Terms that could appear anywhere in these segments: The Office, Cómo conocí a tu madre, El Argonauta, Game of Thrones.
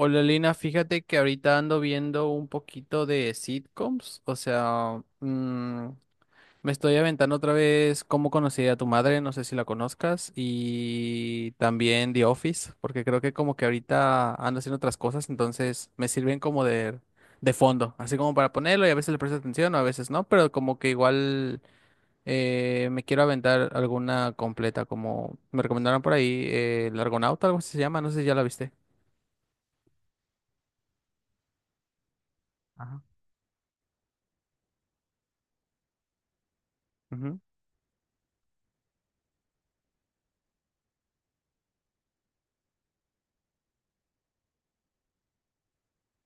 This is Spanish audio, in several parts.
Hola Lina, fíjate que ahorita ando viendo un poquito de sitcoms, o sea, me estoy aventando otra vez Cómo conocí a tu madre, no sé si la conozcas, y también The Office, porque creo que como que ahorita ando haciendo otras cosas, entonces me sirven como de fondo, así como para ponerlo y a veces le presto atención o a veces no, pero como que igual me quiero aventar alguna completa, como me recomendaron por ahí, El Argonauta, algo así se llama, no sé si ya la viste. Ajá.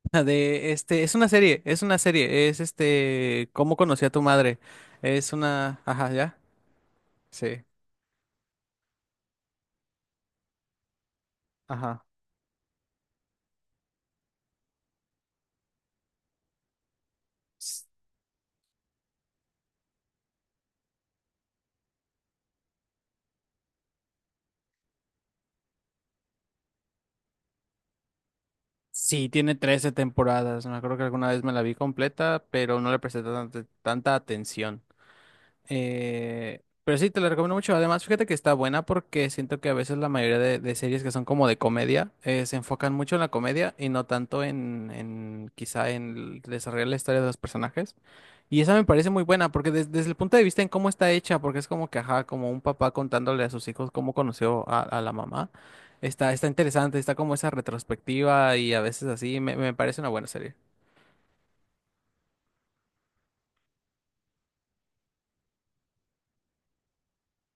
Es una serie, ¿Cómo conocí a tu madre? Es una, ajá, ya, sí, ajá. S- Sí, tiene 13 temporadas, me acuerdo que alguna vez me la vi completa, pero no le presté tanta, atención. Pero sí, te la recomiendo mucho. Además, fíjate que está buena porque siento que a veces la mayoría de, series que son como de comedia se enfocan mucho en la comedia y no tanto en quizá en el desarrollar la historia de los personajes. Y esa me parece muy buena porque desde el punto de vista en cómo está hecha, porque es como que, ajá, como un papá contándole a sus hijos cómo conoció a, la mamá, está interesante, está como esa retrospectiva y a veces así, me parece una buena serie.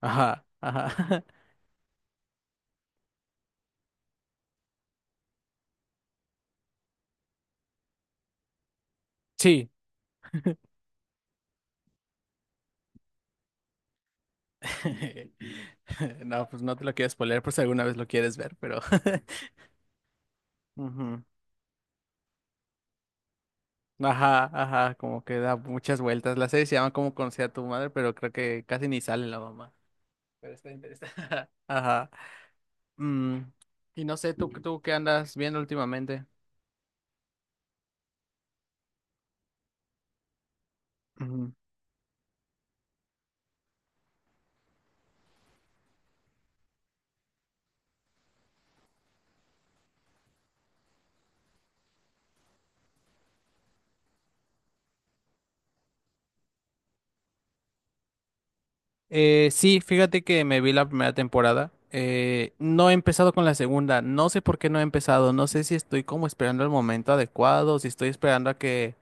Ajá, ajá. sí. No, pues no te lo quiero spoiler por si alguna vez lo quieres ver, pero... Ujú. Ajá, ajá, como que da muchas vueltas. La serie se llama Cómo conocí a tu madre, pero creo que casi ni sale la mamá. Pero está interesante. Ajá. Mm, y no sé, ¿tú qué andas viendo últimamente? Ujú. Sí, fíjate que me vi la primera temporada. No he empezado con la segunda. No sé por qué no he empezado. No sé si estoy como esperando el momento adecuado, si estoy esperando a que...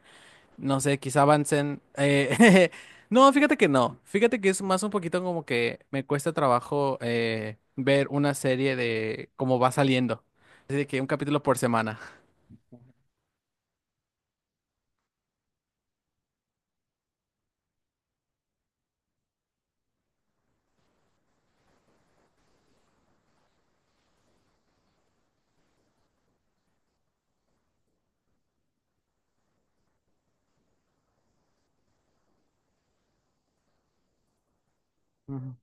No sé, quizá avancen. No, fíjate que no. Fíjate que es más un poquito como que me cuesta trabajo ver una serie de cómo va saliendo. Así de que un capítulo por semana. Ujú,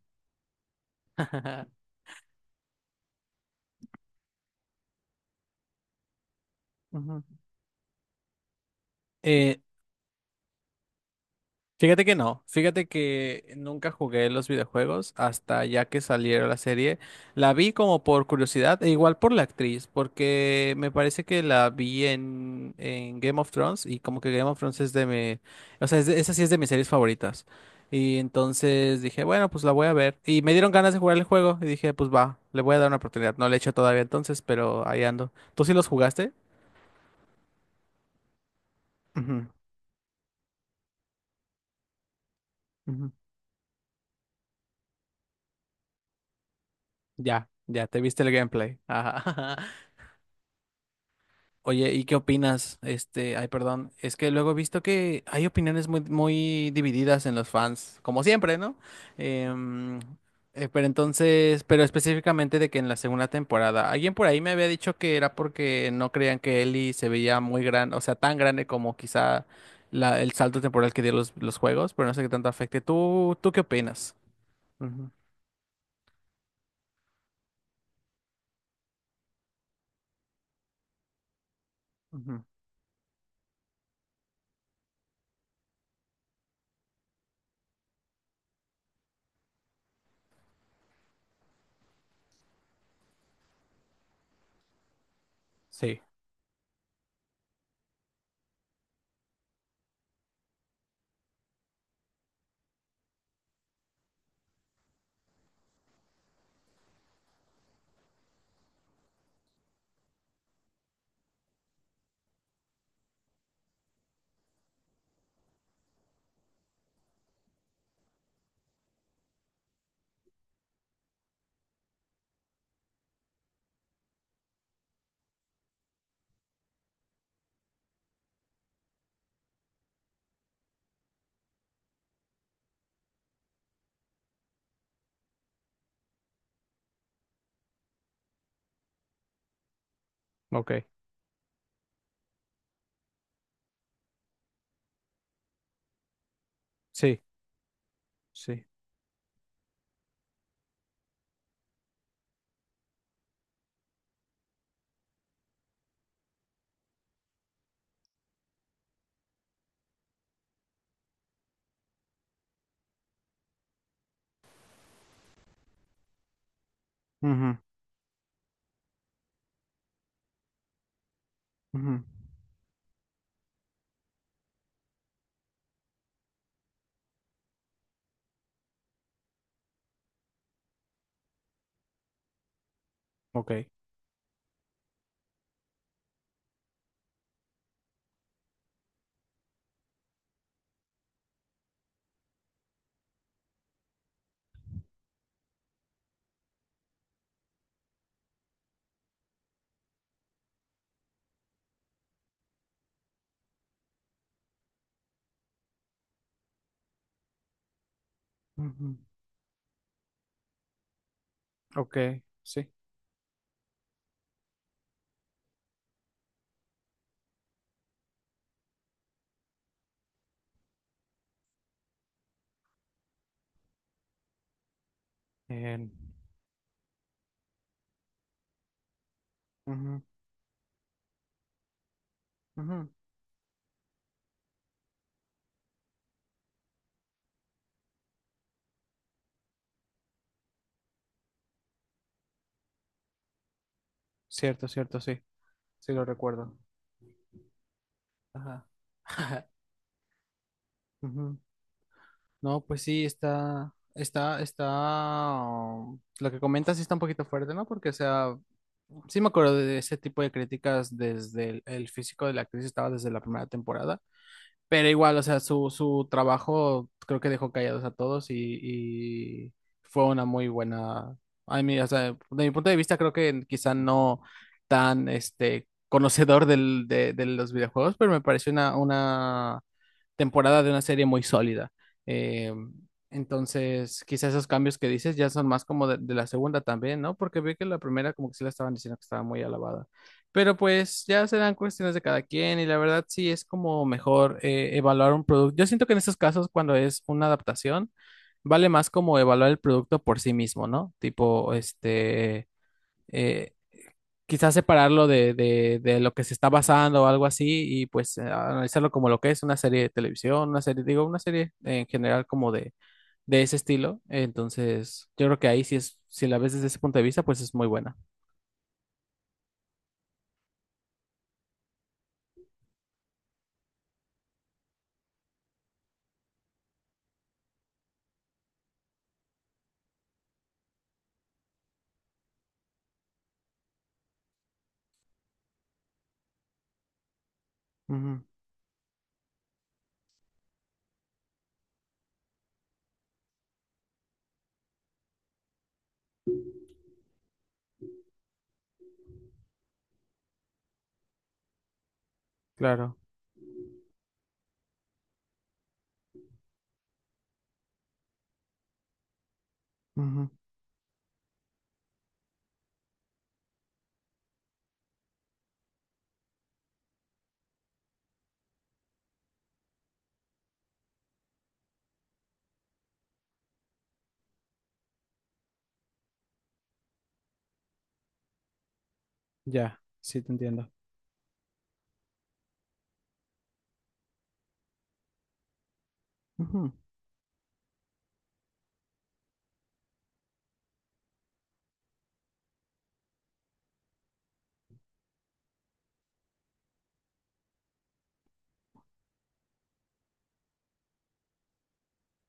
ujú. Eh, Fíjate que no, fíjate que nunca jugué los videojuegos hasta ya que saliera la serie. La vi como por curiosidad e igual por la actriz, porque me parece que la vi en Game of Thrones y como que Game of Thrones es de mi, o sea, es de- esa sí es de mis series favoritas. Y entonces dije, bueno, pues la voy a ver. Y me dieron ganas de jugar el juego y dije, pues va, le voy a dar una oportunidad. No le he hecho todavía entonces, pero ahí ando. ¿Tú sí los jugaste? Ujú, ujú. Ya, ya, te viste el gameplay. Ajá. Oye, ¿y qué opinas? Este, ay, perdón, es que luego he visto que hay opiniones muy, muy divididas en los fans, como siempre, ¿no? Em, pero entonces, pero específicamente de que en la segunda temporada, alguien por ahí me había dicho que era porque no creían que Ellie se veía muy grande, o sea, tan grande como quizá la- el salto temporal que dio los juegos, pero no sé qué tanto afecte. tú, qué opinas? Ujú, ujú. Sí, ok, sí, sí. Ujú, ujú, ok. Ujú. Ok, sí. En- ujú, ujú. Cierto, cierto, sí. Sí lo recuerdo. Ajá. Ujú. No, pues sí, está, está, está. Lo que comentas sí está un poquito fuerte, ¿no? Porque, o sea, sí me acuerdo de ese tipo de críticas desde el, físico de la actriz, estaba desde la primera temporada. Pero igual, o sea, su trabajo creo que dejó callados a todos y fue una muy buena. A mí, o sea, de mi punto de vista, creo que quizá no tan este conocedor del, de los videojuegos, pero me pareció una, temporada de una serie muy sólida. Eh, entonces, quizá esos cambios que dices ya son más como de la segunda también, ¿no? Porque vi que la primera como que sí la estaban diciendo que estaba muy alabada. Pero pues ya serán cuestiones de cada quien y la verdad sí es como mejor evaluar un producto. Yo siento que en estos casos cuando es una adaptación vale más como evaluar el producto por sí mismo, ¿no? Tipo, este, eh, quizás separarlo de, lo que se está basando o algo así y pues analizarlo como lo que es una serie de televisión, una serie, digo, una serie en general como de ese estilo. Entonces, yo creo que ahí sí es, si la ves desde ese punto de vista, pues es muy buena. Ujú, claro. Ujú. Ya, sí te entiendo. Ujú,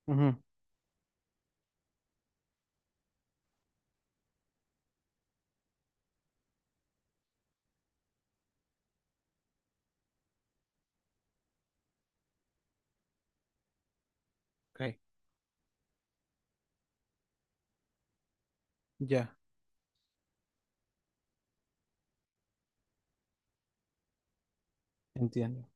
ujú, ok, ya, entiendo.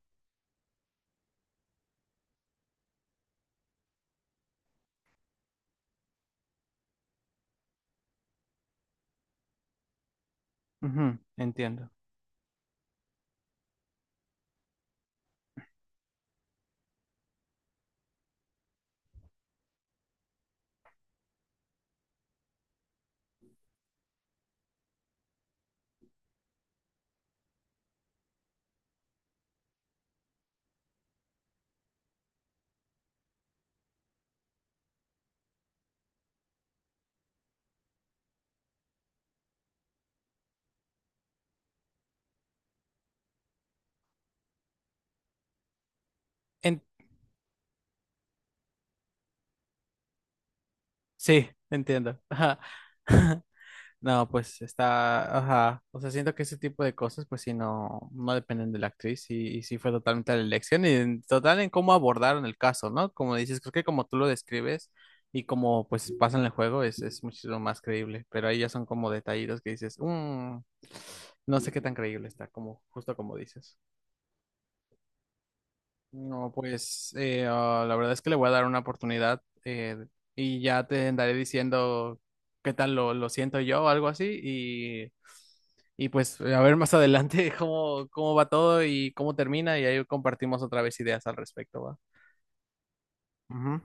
Ujú, entiendo. En- sí, entiendo. Ajá. No, pues está, ajá. O sea, siento que ese tipo de cosas, pues sí, no, no dependen de la actriz y sí fue totalmente la elección y en total en cómo abordaron el caso, ¿no? Como dices, creo que como tú lo describes y como pues pasa en el juego es muchísimo más creíble, pero ahí ya son como detallitos que dices, "Mm, no sé qué tan creíble está", como justo como dices. No, pues ah, la verdad es que le voy a dar una oportunidad y ya te andaré diciendo qué tal lo, siento yo o algo así y pues a ver más adelante cómo va todo y cómo termina y ahí compartimos otra vez ideas al respecto, ¿va? Ujú.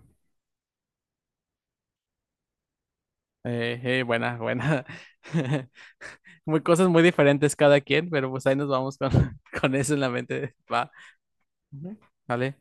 Buena, buena. Muy cosas muy diferentes cada quien, pero pues ahí nos vamos con, con eso en la mente, ¿va? Ujú. ¿Vale?